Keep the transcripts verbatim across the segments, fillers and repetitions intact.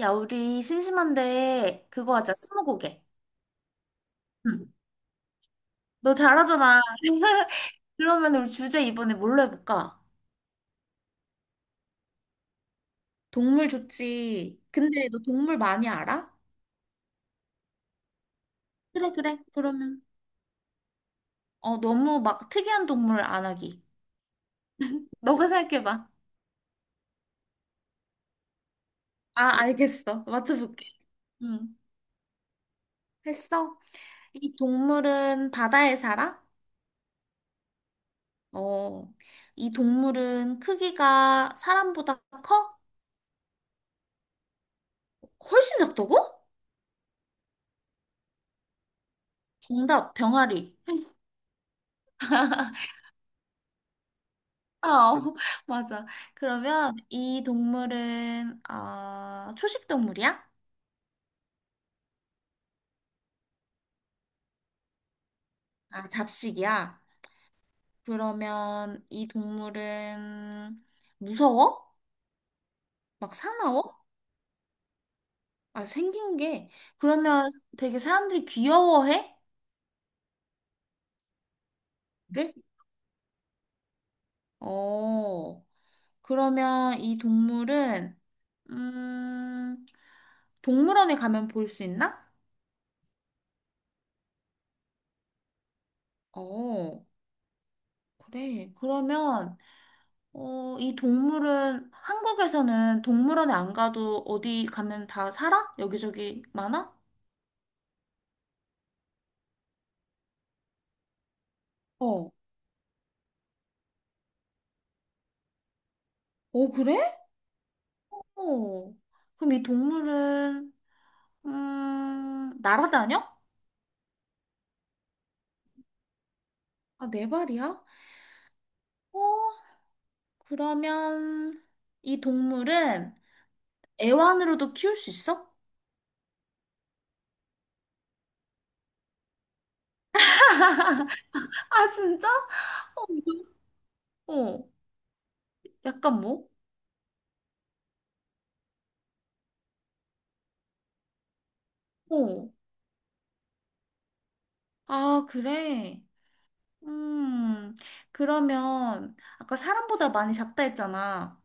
야, 우리 심심한데 그거 하자. 스무고개. 응. 너 잘하잖아. 그러면 우리 주제 이번에 뭘로 해볼까? 동물 좋지. 근데 너 동물 많이 알아? 그래, 그래. 그러면 어, 너무 막 특이한 동물 안 하기. 너가 생각해봐. 아, 알겠어. 맞춰볼게. 응. 했어? 이 동물은 바다에 살아? 어. 이 동물은 크기가 사람보다 커? 훨씬 작다고? 정답, 병아리. 아, 어, 맞아. 그러면 이 동물은 어, 초식 동물이야? 아, 잡식이야? 그러면 이 동물은 무서워? 막 사나워? 아, 생긴 게. 그러면 되게 사람들이 귀여워해? 그래? 어, 그러면 이 동물은 음, 동물원에 가면 볼 수 있나? 어, 그래. 그러면 어, 이 동물은 한국에서는 동물원에 안 가도 어디 가면 다 살아? 여기저기 많아? 어. 어, 그래? 어. 그럼 이 동물은 음, 날아다녀? 아, 네 발이야? 어, 그러면 이 동물은 애완으로도 키울 수 있어? 아, 진짜? 어, 이거- 어, 약간 뭐? 어. 아, 그래. 음, 그러면 아까 사람보다 많이 작다 했잖아.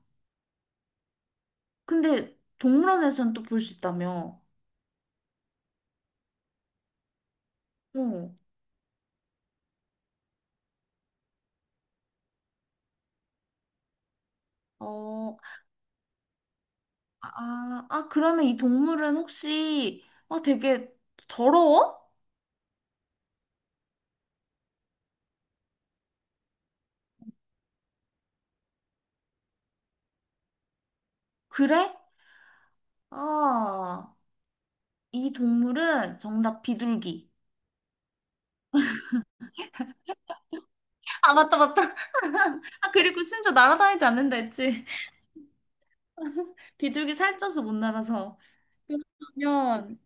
근데 동물원에서는 또 볼 수 있다며. 어. 어, 아, 아, 아, 그러면 이 동물은 혹시, 아, 되게 더러워? 그래? 아, 이 동물은 정답 비둘기. 아, 맞다, 맞다. 아, 그리고 심지어 날아다니지 않는다 했지. 비둘기 살쪄서 못 날아서. 그러면,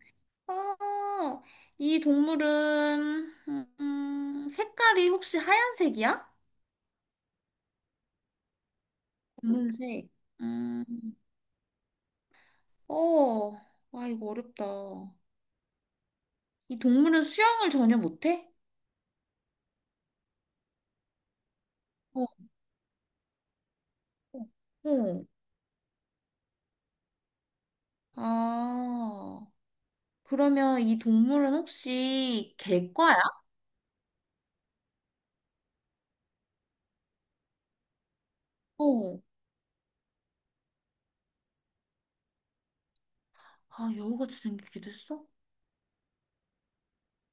어, 이 동물은, 음, 색깔이 혹시 하얀색이야? 검은색. 음, 어, 아, 이거 어렵다. 이 동물은 수영을 전혀 못해? 어, 어. 아, 그러면 이 동물은 혹시 객과야? 어. 아, 여우같이 생기기도 했어?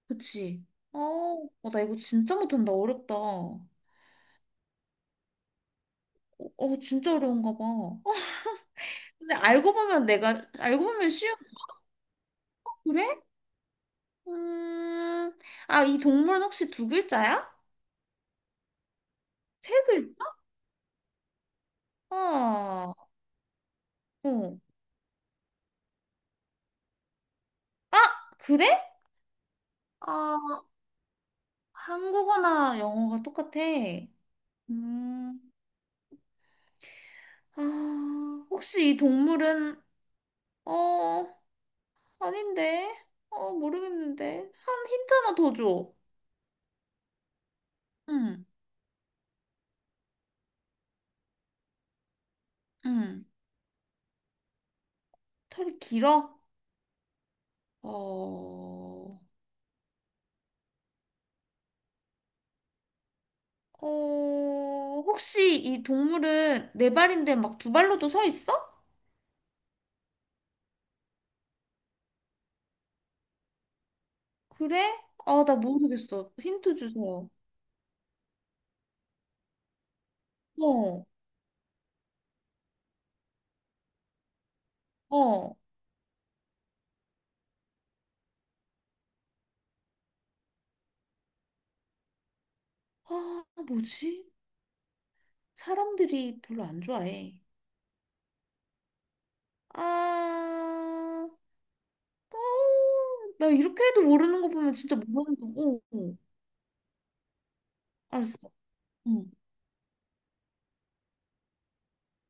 그치? 어, 어, 나 이거 진짜 못한다. 어렵다. 어, 어, 진짜 어려운가 봐. 어, 근데 알고 보면 내가, 알고 보면 쉬운, 그래? 음, 아, 이 동물은 혹시 두 글자야? 세 글자? 아, 어. 아, 그래? 아, 한국어나 영어가 똑같아. 음, 아, 혹시 이 동물은, 어, 아닌데? 어, 모르겠는데. 한 힌트 하나 더 줘. 응, 응. 털이 길어? 어, 어, 혹시 이 동물은 네 발인데 막 두 발로도 서 있어? 그래? 아, 나 모르겠어. 힌트 주세요. 어, 어. 아, 뭐지? 사람들이 별로 안 좋아해. 아, 어, 나 이렇게 해도 모르는 거 보면 진짜 모르는 거고. 어, 어, 알았어. 응.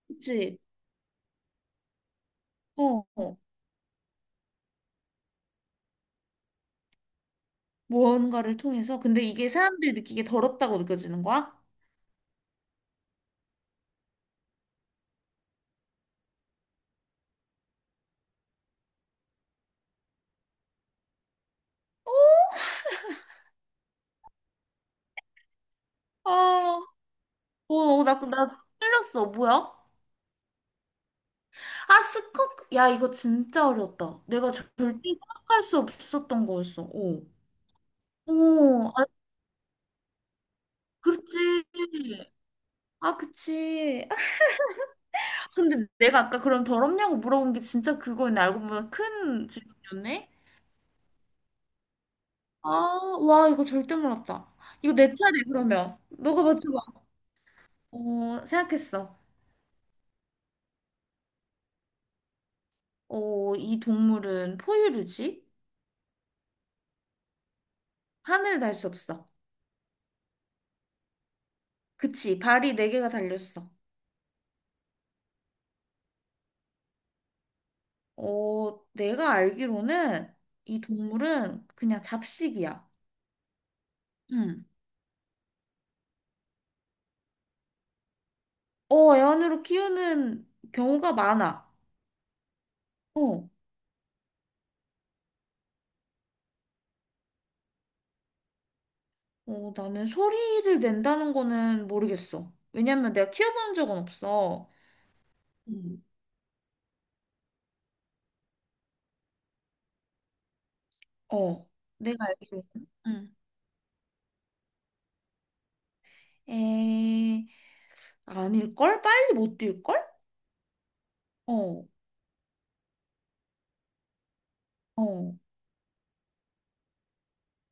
그치? 어, 어. 뭔가를 통해서. 근데 이게 사람들이 느끼기에 더럽다고 느껴지는 거야? 어, 아, 어, 어, 나, 나 틀렸어. 뭐야? 아, 스커. 야, 이거 진짜 어려웠다. 내가 저- 절대 생각할 수 없었던 거였어. 어. 오, 아, 그렇지. 아, 그치. 아, 근데 내가 아까 그럼 더럽냐고 물어본 게 진짜 그거였네. 알고 보면 큰 질문이었네. 아, 와, 이거 절대 몰랐다. 이거 내 차례, 그러면. 너가 맞춰봐. 어, 생각했어. 어, 이 동물은 포유류지? 하늘을 날 수 없어. 그치, 발이 네 개가 달렸어. 어, 내가 알기로는 이 동물은 그냥 잡식이야. 응. 어, 애완으로 키우는 경우가 많아. 어, 어, 나는 소리를 낸다는 거는 모르겠어. 왜냐면 내가 키워본 적은 없어. 응. 어, 내가 알기로는. 응. 에, 아닐걸? 빨리 못 뛸걸? 어, 어.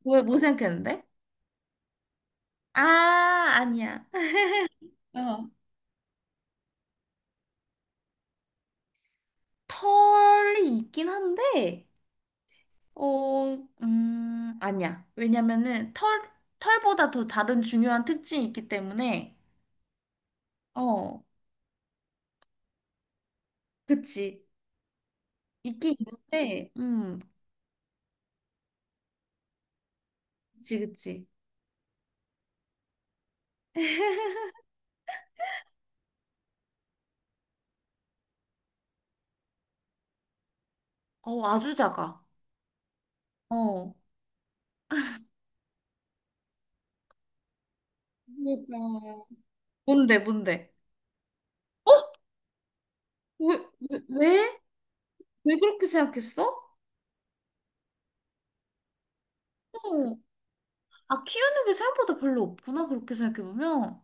왜, 뭐 생각했는데? 아, 아니야. 어. 털이 있긴 한데, 어, 음, 아니야. 왜냐면은 털, 털보다 더 다른 중요한 특징이 있기 때문에, 어, 그치. 있긴 있는데, 음, 그치, 그치. 어, 아주 작아. 어. 그러니까 뭔데, 뭔데? 어? 왜, 왜, 왜? 왜 그렇게 생각했어? 어. 아, 키우는 게 생각보다 별로 없구나, 그렇게 생각해보면.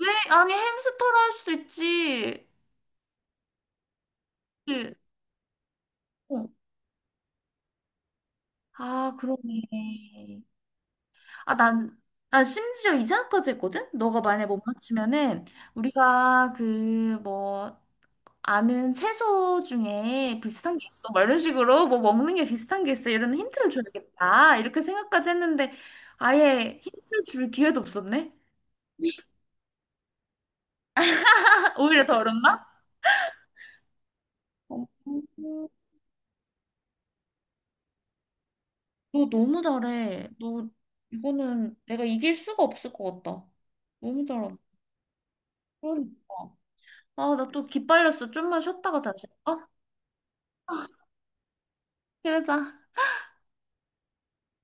왜? 아니, 햄스터로 할 수도 있지. 그치? 어. 아, 그러네. 아, 난, 난 심지어 이 생각까지 했거든? 너가 만약 못 맞추면은, 우리가 그, 뭐, 아는 채소 중에 비슷한 게 있어. 막 이런 식으로, 뭐, 먹는 게 비슷한 게 있어. 이런 힌트를 줘야겠다. 이렇게 생각까지 했는데, 아예 힌트 줄 기회도 없었네? 오히려 더 어렵나? 어. 너 너무 잘해. 너 이거는 내가 이길 수가 없을 것 같다. 너무 잘한다. 그러니까. 아, 나 또 기빨렸어. 좀만 쉬었다가 다시. 어? 그러자.